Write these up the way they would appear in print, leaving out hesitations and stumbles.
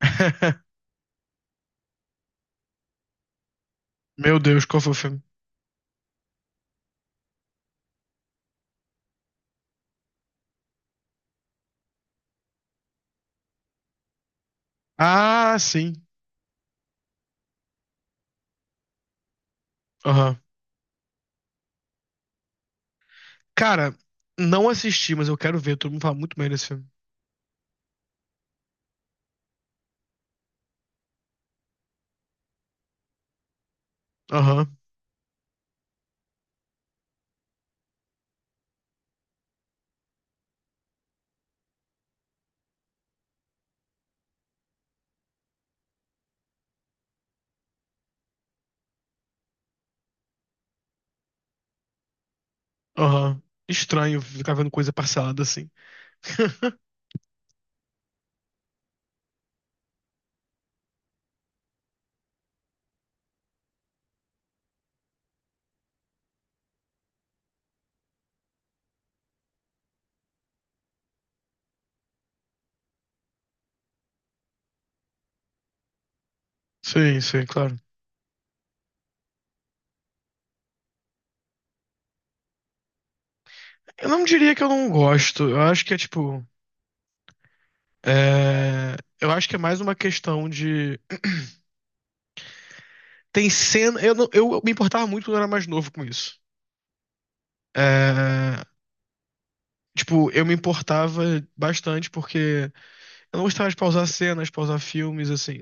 Meu Deus, qual foi o filme? Ah, sim. Aham. Cara, não assisti, mas eu quero ver. Todo mundo fala muito bem desse filme. Aham, aham. Estranho ficar vendo coisa parcelada assim. Sim, sim, claro. Eu não diria que eu não gosto. Eu acho que é tipo. é, Eu acho que é mais uma questão de. Tem cena. Eu, não- Eu me importava muito quando eu era mais novo com isso. É, Tipo, eu me importava bastante porque eu não gostava de pausar cenas, pausar filmes, assim.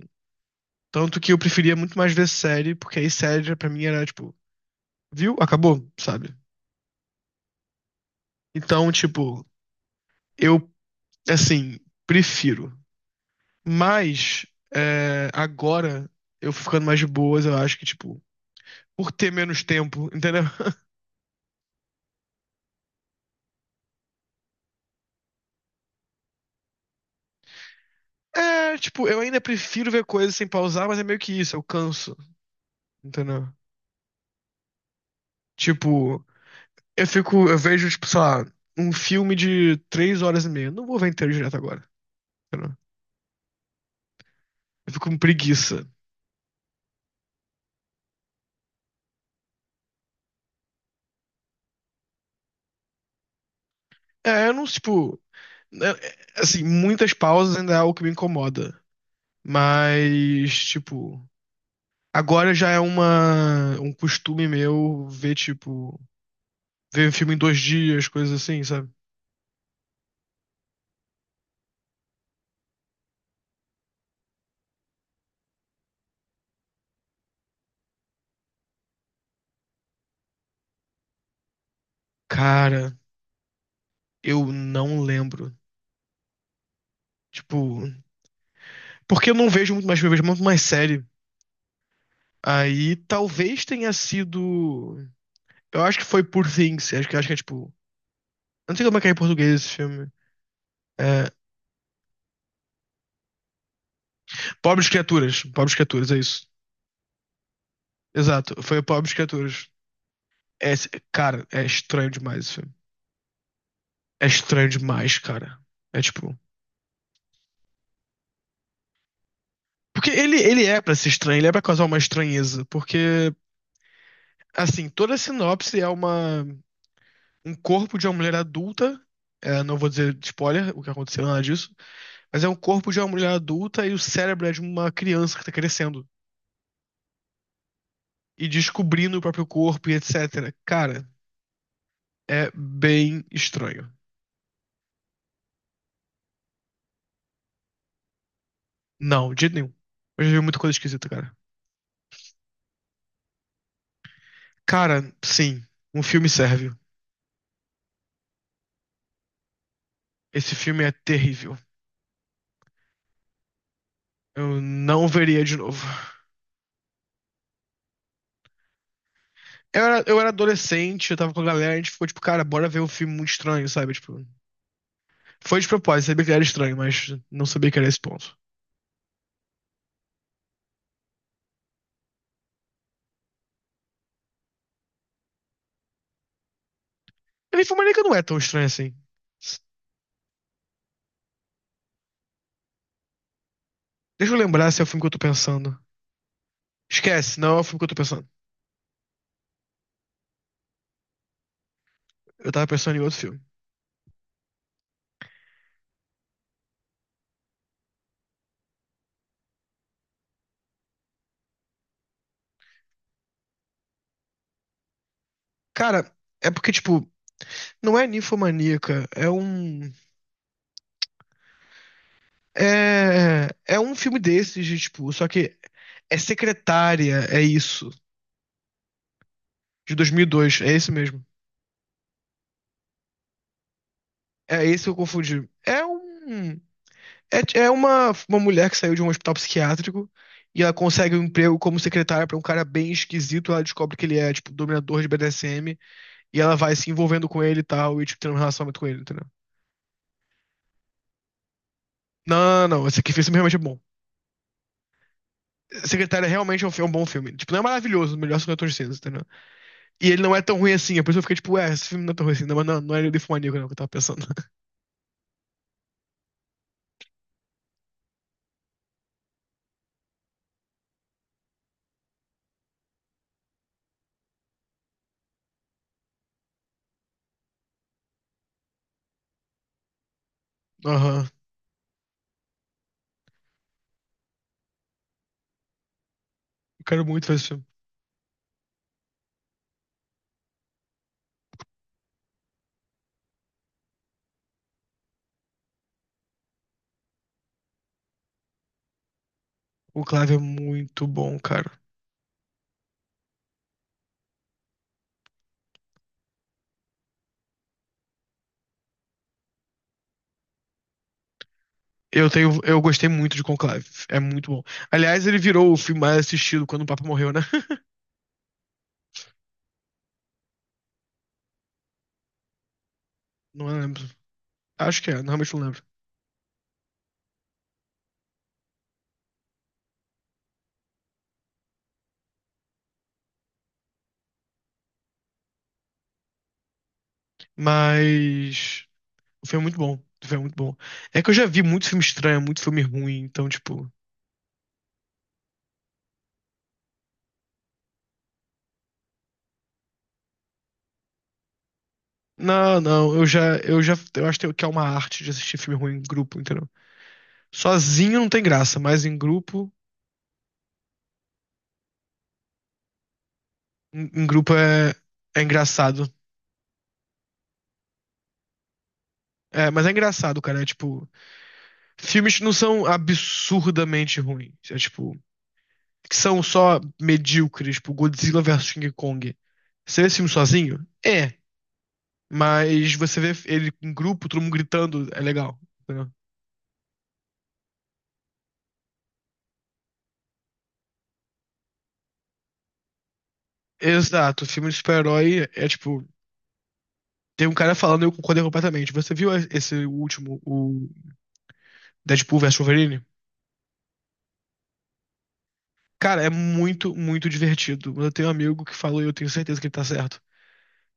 Tanto que eu preferia muito mais ver série, porque aí série já pra mim era tipo, viu? Acabou, sabe? Então, tipo, eu, assim, prefiro. Mas, é, agora, eu ficando mais de boas, eu acho que, tipo, por ter menos tempo, entendeu? É, tipo, eu ainda prefiro ver coisas sem pausar, mas é meio que isso, eu canso, entendeu? Tipo, eu fico, eu vejo, tipo, sei lá, um filme de três horas e meia. Não vou ver inteiro direto agora, entendeu? Eu fico com preguiça. É, eu não, tipo, né, é, assim, muitas pausas ainda é algo que me incomoda. Mas, tipo, agora já é um costume meu ver, tipo, ver um filme em dois dias, coisas assim, sabe? Cara, eu não lembro. Tipo, porque eu não vejo muito mais filme, eu vejo muito mais série. Aí talvez tenha sido. Eu acho que foi Poor Things. Acho que é tipo. Eu não sei como é que é em português esse filme. É, Pobres Criaturas. Pobres Criaturas, é isso. Exato, foi Pobres Criaturas. É, cara, é estranho demais esse filme. É estranho demais, cara. É tipo. Porque ele é pra ser estranho, ele é pra causar uma estranheza. Porque, assim, toda a sinopse é uma, um corpo de uma mulher adulta. É, não vou dizer spoiler, o que aconteceu, nada disso. Mas é um corpo de uma mulher adulta e o cérebro é de uma criança que tá crescendo. E descobrindo o próprio corpo e etc. Cara, é bem estranho. Não, de jeito nenhum. Eu já vi muita coisa esquisita, cara. Cara, sim, um filme serve. Esse filme é terrível. Eu não veria de novo. Eu era adolescente, eu tava com a galera, a gente ficou tipo, cara, bora ver um filme muito estranho, sabe? Tipo, foi de propósito, sabia que era estranho, mas não sabia que era esse ponto. A Ninfomaníaca não é tão estranho assim. Deixa eu lembrar se é o filme que eu tô pensando. Esquece, não é o filme que eu tô pensando. Eu tava pensando em outro filme. Cara, é porque, tipo, não é ninfomaníaca, é um. É, é um filme desses, de, tipo, só que é secretária, é isso. De 2002, é esse mesmo. É esse que eu confundi. É um. É, é uma mulher que saiu de um hospital psiquiátrico e ela consegue um emprego como secretária pra um cara bem esquisito. Ela descobre que ele é, tipo, dominador de BDSM e ela vai se envolvendo com ele e tal, e, tipo, tendo um relacionamento com ele, entendeu? Não, não, não. Esse aqui esse filme realmente é bom. Secretária realmente é um, fi- é um bom filme. Tipo, não é maravilhoso, o melhor segundo de cinza, entendeu? E ele não é tão ruim assim, é por isso que eu fiquei tipo, ué, esse filme não é tão ruim assim, não, mas não, não é Ninfomaníaco, não, que eu tava pensando. Aham, eu quero muito ver esse filme. Conclave é muito bom, cara. Eu tenho, eu gostei muito de Conclave. É muito bom. Aliás, ele virou o filme mais assistido quando o Papa morreu, né? Não lembro. Acho que é, normalmente não lembro. Mas o filme é muito bom. O filme é muito bom. É que eu já vi muito filme estranho, muito filme ruim, então tipo, não, não, eu já, eu acho que é uma arte de assistir filme ruim em grupo, entendeu? Sozinho não tem graça, mas em grupo, em grupo é, é engraçado. É, mas é engraçado, cara. É tipo, Filmes que não são absurdamente ruins. É tipo, que são só medíocres, tipo Godzilla versus King Kong. Você vê esse filme sozinho? É. Mas você vê ele em grupo, todo mundo gritando, é legal. Entendeu? Exato, filme de super-herói é tipo. Tem um cara falando, eu concordei completamente. Você viu esse último, o Deadpool versus Wolverine? Cara, é muito, muito divertido. Mas eu tenho um amigo que falou, e eu tenho certeza que ele tá certo,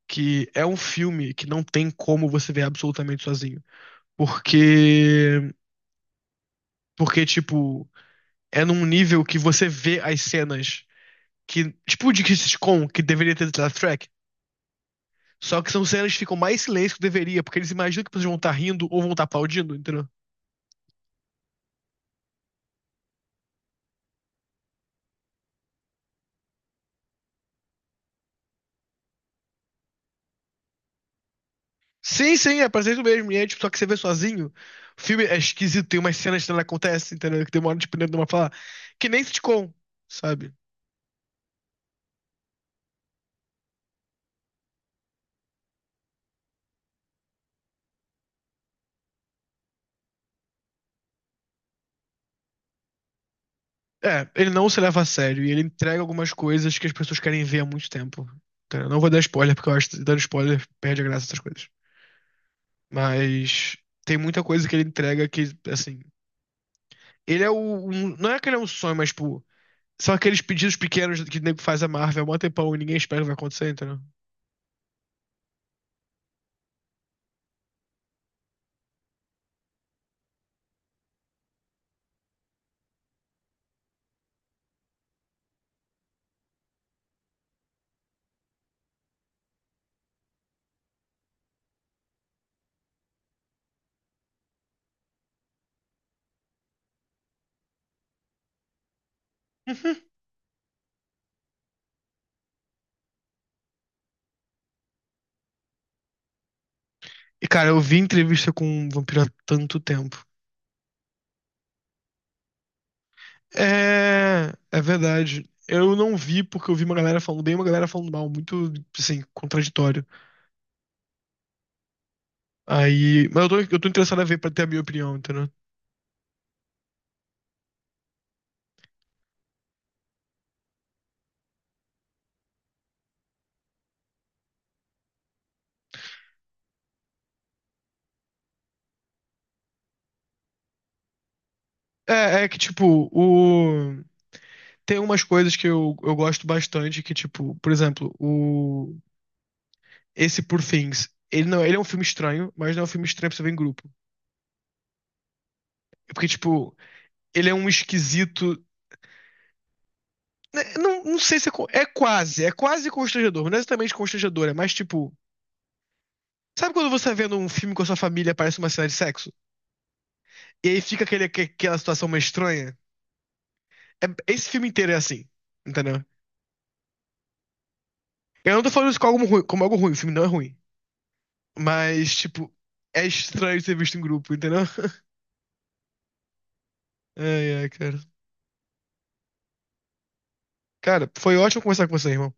que é um filme que não tem como você ver absolutamente sozinho. Porque. Porque, tipo, é num nível que você vê as cenas que. Tipo, de Crisis Con, que deveria ter titled track. Só que são cenas que ficam mais silêncio que deveria, porque eles imaginam que vocês vão estar rindo ou vão estar aplaudindo, entendeu? Sim, sim, é pra ser isso mesmo. E é, tipo, só que você vê sozinho. O filme é esquisito, tem umas cenas que não acontecem, entendeu? Que demora, tipo, dentro de uma falar. Que nem sitcom, sabe? É, ele não se leva a sério e ele entrega algumas coisas que as pessoas querem ver há muito tempo. Entendeu? Não vou dar spoiler, porque eu acho que dando spoiler perde a graça dessas coisas. Mas tem muita coisa que ele entrega que, assim. Ele é o. um- não é que ele é um sonho, mas, tipo. São aqueles pedidos pequenos que o nego faz a Marvel há mó tempão e ninguém espera que vai acontecer, entendeu? Uhum. E, cara, eu vi entrevista com um vampiro há tanto tempo. É. É verdade. Eu não vi porque eu vi uma galera falando bem e uma galera falando mal. Muito, assim, contraditório. Aí. Mas eu tô interessado a ver pra ter a minha opinião, entendeu? É, é que, tipo, o... tem umas coisas que eu gosto bastante, que, tipo, por exemplo, o... esse Poor Things, ele não, ele é um filme estranho, mas não é um filme estranho pra você ver em grupo. É Porque, tipo, ele é um esquisito... né, Não, não sei se é, co- é quase constrangedor, mas não é exatamente constrangedor, é mais, tipo, Sabe quando você tá vendo um filme com a sua família e aparece uma cena de sexo? E aí fica aquele, aque- aquela situação meio estranha? É- esse filme inteiro é assim, entendeu? Eu não tô falando isso como algo ruim, o filme não é ruim. Mas, tipo, é estranho ser visto em grupo, entendeu? Ai, ai, cara. Cara, foi ótimo conversar com você, irmão.